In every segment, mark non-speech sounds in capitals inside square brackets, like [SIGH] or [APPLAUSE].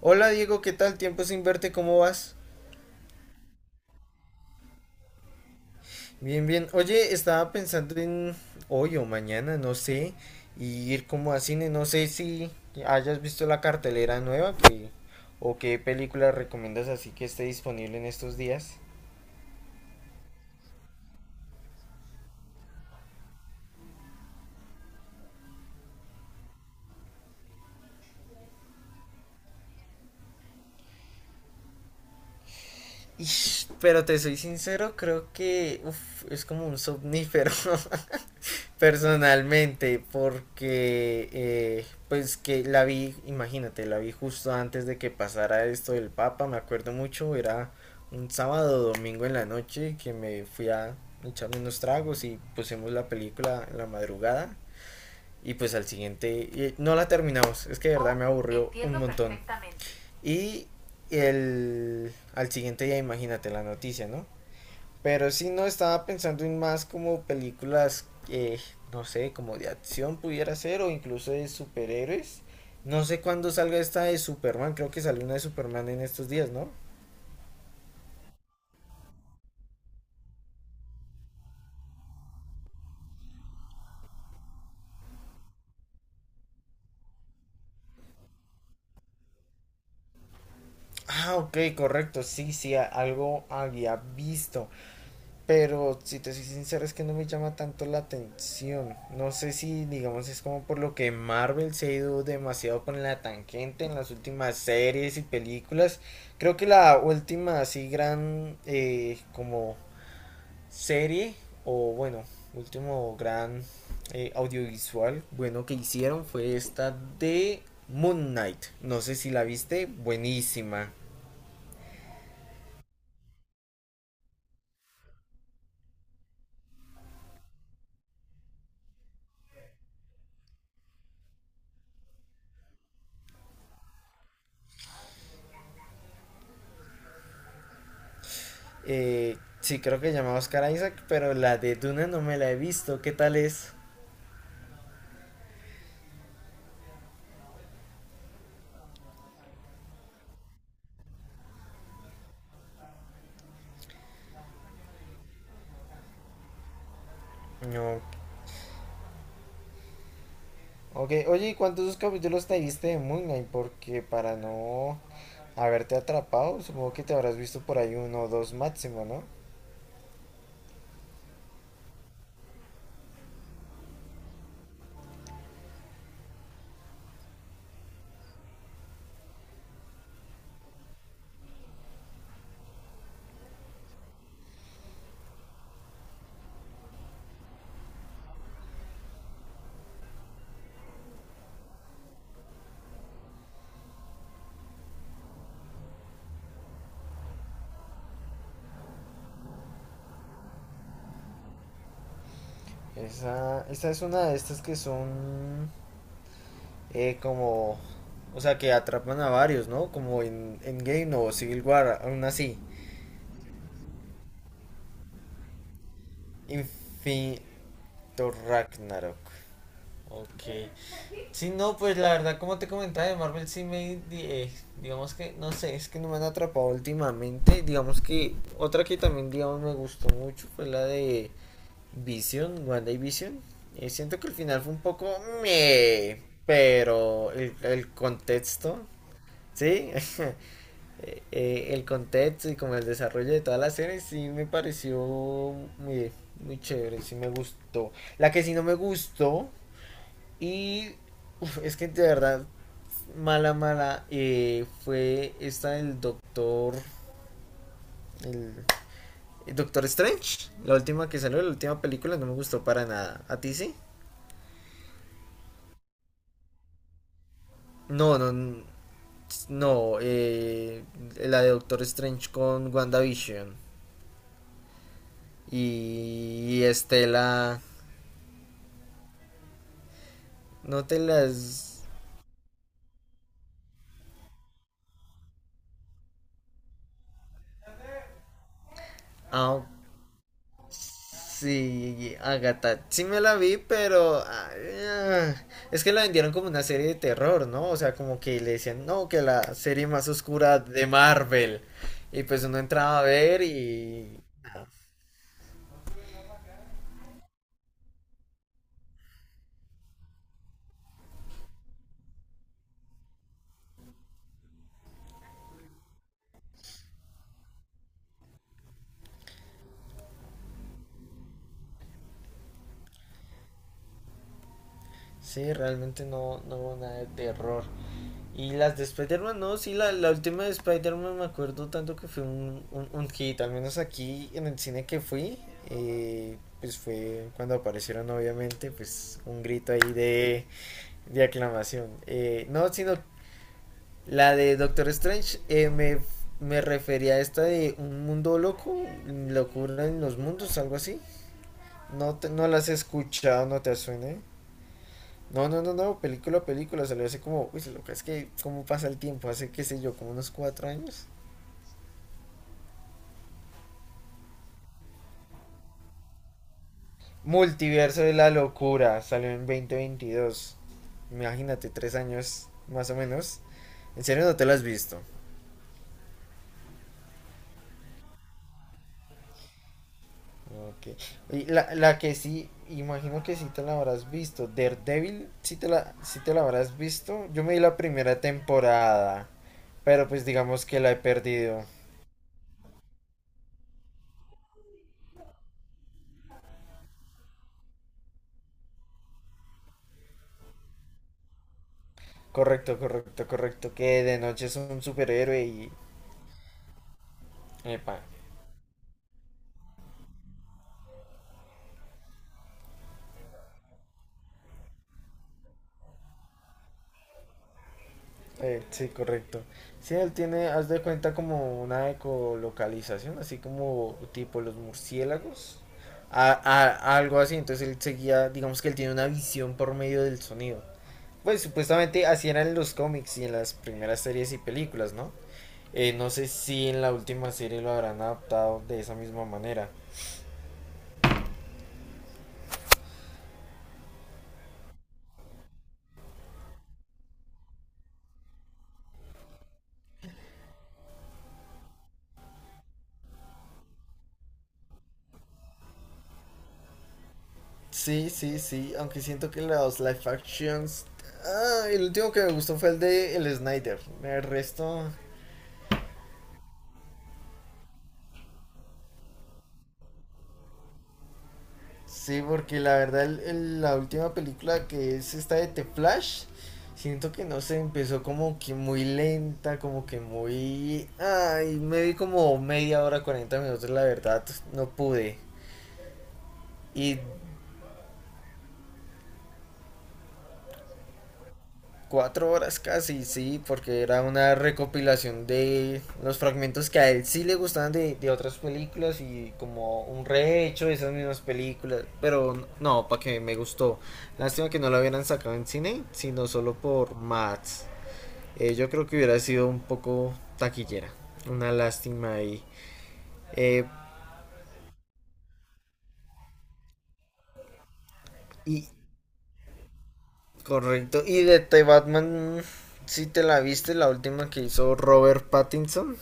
Hola Diego, ¿qué tal? Tiempo sin verte, ¿cómo vas? Bien, bien. Oye, estaba pensando en hoy o mañana, no sé, y ir como a cine, no sé si hayas visto la cartelera nueva que, o qué película recomiendas así que esté disponible en estos días. Ish, pero te soy sincero, creo que uf, es como un somnífero. [LAUGHS] Personalmente porque pues que la vi, imagínate, la vi justo antes de que pasara esto del Papa, me acuerdo mucho, era un sábado o domingo en la noche que me fui a echarme unos tragos y pusimos la película en la madrugada y pues al siguiente y no la terminamos, es que de verdad me aburrió un montón. Y el al siguiente día imagínate la noticia, ¿no? Pero sí, no estaba pensando en más como películas, no sé, como de acción pudiera ser o incluso de superhéroes. No sé cuándo salga esta de Superman, creo que salió una de Superman en estos días, ¿no? Ah, ok, correcto, sí, sí, algo había visto. Pero si te soy sincero es que no me llama tanto la atención. No sé si, digamos, es como por lo que Marvel se ha ido demasiado con la tangente en las últimas series y películas. Creo que la última así gran como serie o bueno, último gran audiovisual bueno que hicieron fue esta de Moon Knight. No sé si la viste, buenísima. Sí, creo que se llama Oscar Isaac, pero la de Duna no me la he visto. ¿Qué tal es? No. Ok, oye, ¿y cuántos capítulos te viste de Moon Knight? Porque para no haberte atrapado, supongo que te habrás visto por ahí uno o dos máximo, ¿no? Esa es una de estas que son como... O sea, que atrapan a varios, ¿no? Como en Game o Civil War, aún así. Infinito Ragnarok. Ok. Sí, no, pues la verdad, como te comentaba, de Marvel sí me, digamos que, no sé, es que no me han atrapado últimamente. Digamos que otra que también, digamos, me gustó mucho fue la de Vision, WandaVision. Siento que el final fue un poco, meh, pero el contexto, ¿sí? [LAUGHS] El contexto y como el desarrollo de toda la serie sí me pareció muy, muy chévere, sí me gustó. La que sí no me gustó y uf, es que de verdad mala, mala, fue esta del Doctor. El, el Doctor Strange. La última que salió, la última película, no me gustó para nada. ¿A ti sí? No, no. No, la de Doctor Strange con WandaVision. Y Estela. No te las. Ah, sí, Agatha, sí me la vi, pero ah, es que la vendieron como una serie de terror, ¿no? O sea, como que le decían, no, que la serie más oscura de Marvel. Y pues uno entraba a ver y sí, realmente no, no hubo nada de terror. Y las de Spider-Man, no, sí, la última de Spider-Man me acuerdo tanto que fue un, un hit, al menos aquí en el cine que fui, pues fue cuando aparecieron obviamente, pues un grito ahí de aclamación. No, sino la de Doctor Strange me refería a esta de un mundo loco, locura en los mundos, algo así. No, no la has escuchado, no te suene. No, no, no, no, película película, salió hace como, uy, loca, es que cómo pasa el tiempo, hace qué sé yo, como unos 4 años. Multiverso de la locura, salió en 2022. Imagínate, 3 años más o menos. ¿En serio no te lo has visto? Ok. Y la que sí, imagino que sí te la habrás visto. Daredevil, sí te la habrás visto. Yo me di la primera temporada, pero pues digamos que la he perdido. Correcto, correcto, correcto. Que de noche es un superhéroe y... Epa. Sí, correcto. Sí, él tiene, haz de cuenta como una ecolocalización, así como tipo los murciélagos, algo así. Entonces él seguía, digamos que él tiene una visión por medio del sonido. Pues supuestamente así eran en los cómics y en las primeras series y películas, ¿no? No sé si en la última serie lo habrán adaptado de esa misma manera. Sí, sí, sí, aunque siento que los live actions... Ah, el último que me gustó fue el de el Snyder. El resto... Sí, porque la verdad la última película que es esta de The Flash, siento que no se empezó como que muy lenta, como que muy... Ay, me vi como media hora, 40 minutos, la verdad, no pude. Y 4 horas casi, sí, porque era una recopilación de los fragmentos que a él sí le gustaban de otras películas y como un rehecho de esas mismas películas. Pero no, para que me gustó. Lástima que no lo hubieran sacado en cine, sino solo por Mats. Yo creo que hubiera sido un poco taquillera. Una lástima ahí. Eh, y correcto. Y de The Batman, si ¿sí te la viste, la última que hizo Robert Pattinson?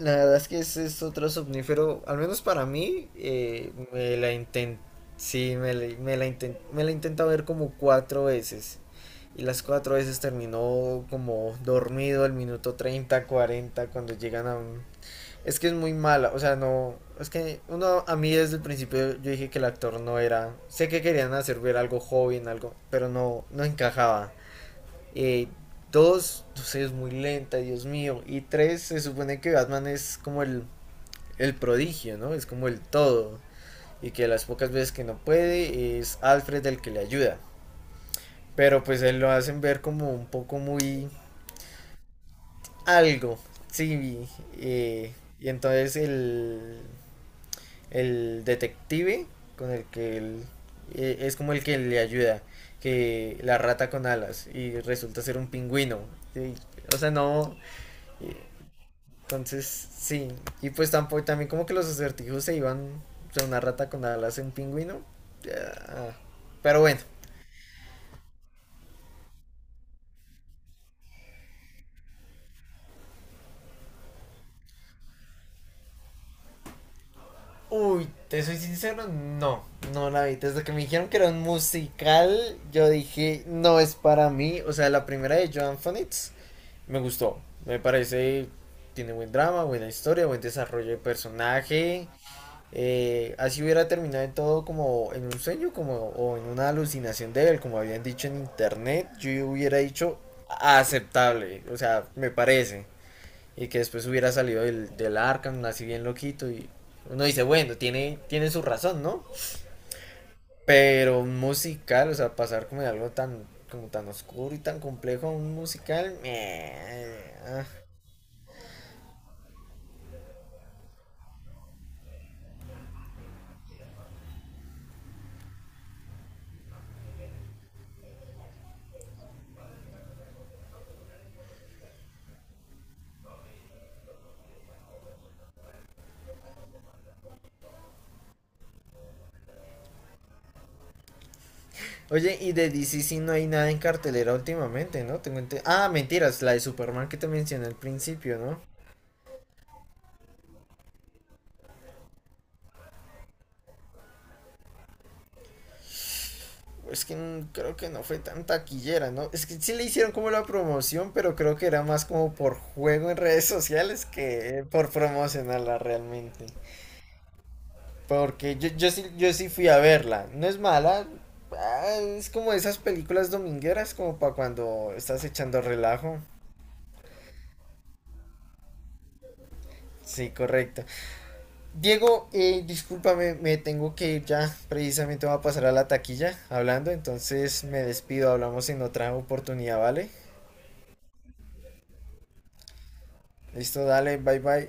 La verdad es que ese es otro somnífero, al menos para mí, sí, me la intenta ver como 4 veces. Y las 4 veces terminó como dormido el minuto 30 40 cuando llegan a un... Es que es muy mala, o sea, no... Es que uno, a mí desde el principio yo dije que el actor no era... Sé que querían hacer ver algo joven, algo, pero no, no encajaba. Eh, Dos, no sé, es muy lenta, Dios mío. Y tres, se supone que Batman es como el prodigio, ¿no? Es como el todo. Y que las pocas veces que no puede es Alfred el que le ayuda. Pero pues él lo hacen ver como un poco muy algo. Sí, eh, y entonces el detective con el que él es como el que le ayuda, que la rata con alas y resulta ser un pingüino. Y, o sea, no, entonces, sí. Y pues tampoco, también como que los acertijos se iban o sea, una rata con alas en un pingüino. Ya. Pero bueno. Uy, te soy sincero, no, no la vi. Desde que me dijeron que era un musical, yo dije, no es para mí. O sea, la primera de Joan Fonitz me gustó. Me parece, tiene buen drama, buena historia, buen desarrollo de personaje. Así hubiera terminado en todo como en un sueño como, o en una alucinación de él, como habían dicho en internet, yo hubiera dicho aceptable, o sea, me parece. Y que después hubiera salido del Arkham, así bien loquito. Y uno dice, bueno, tiene su razón, ¿no? Pero un musical, o sea, pasar como de algo tan, como tan oscuro y tan complejo a un musical, meh. ah, Oye, y de DC sí no hay nada en cartelera últimamente, ¿no? Ah, mentiras, la de Superman que te mencioné al principio, ¿no? Es que creo que no fue tan taquillera, ¿no? Es que sí le hicieron como la promoción, pero creo que era más como por juego en redes sociales que por promocionarla realmente. Porque yo sí fui a verla. No es mala. Es como esas películas domingueras, como para cuando estás echando relajo. Sí, correcto. Diego, discúlpame, me tengo que ir ya. Precisamente voy a pasar a la taquilla hablando, entonces me despido. Hablamos en otra oportunidad, ¿vale? Listo, dale, bye bye.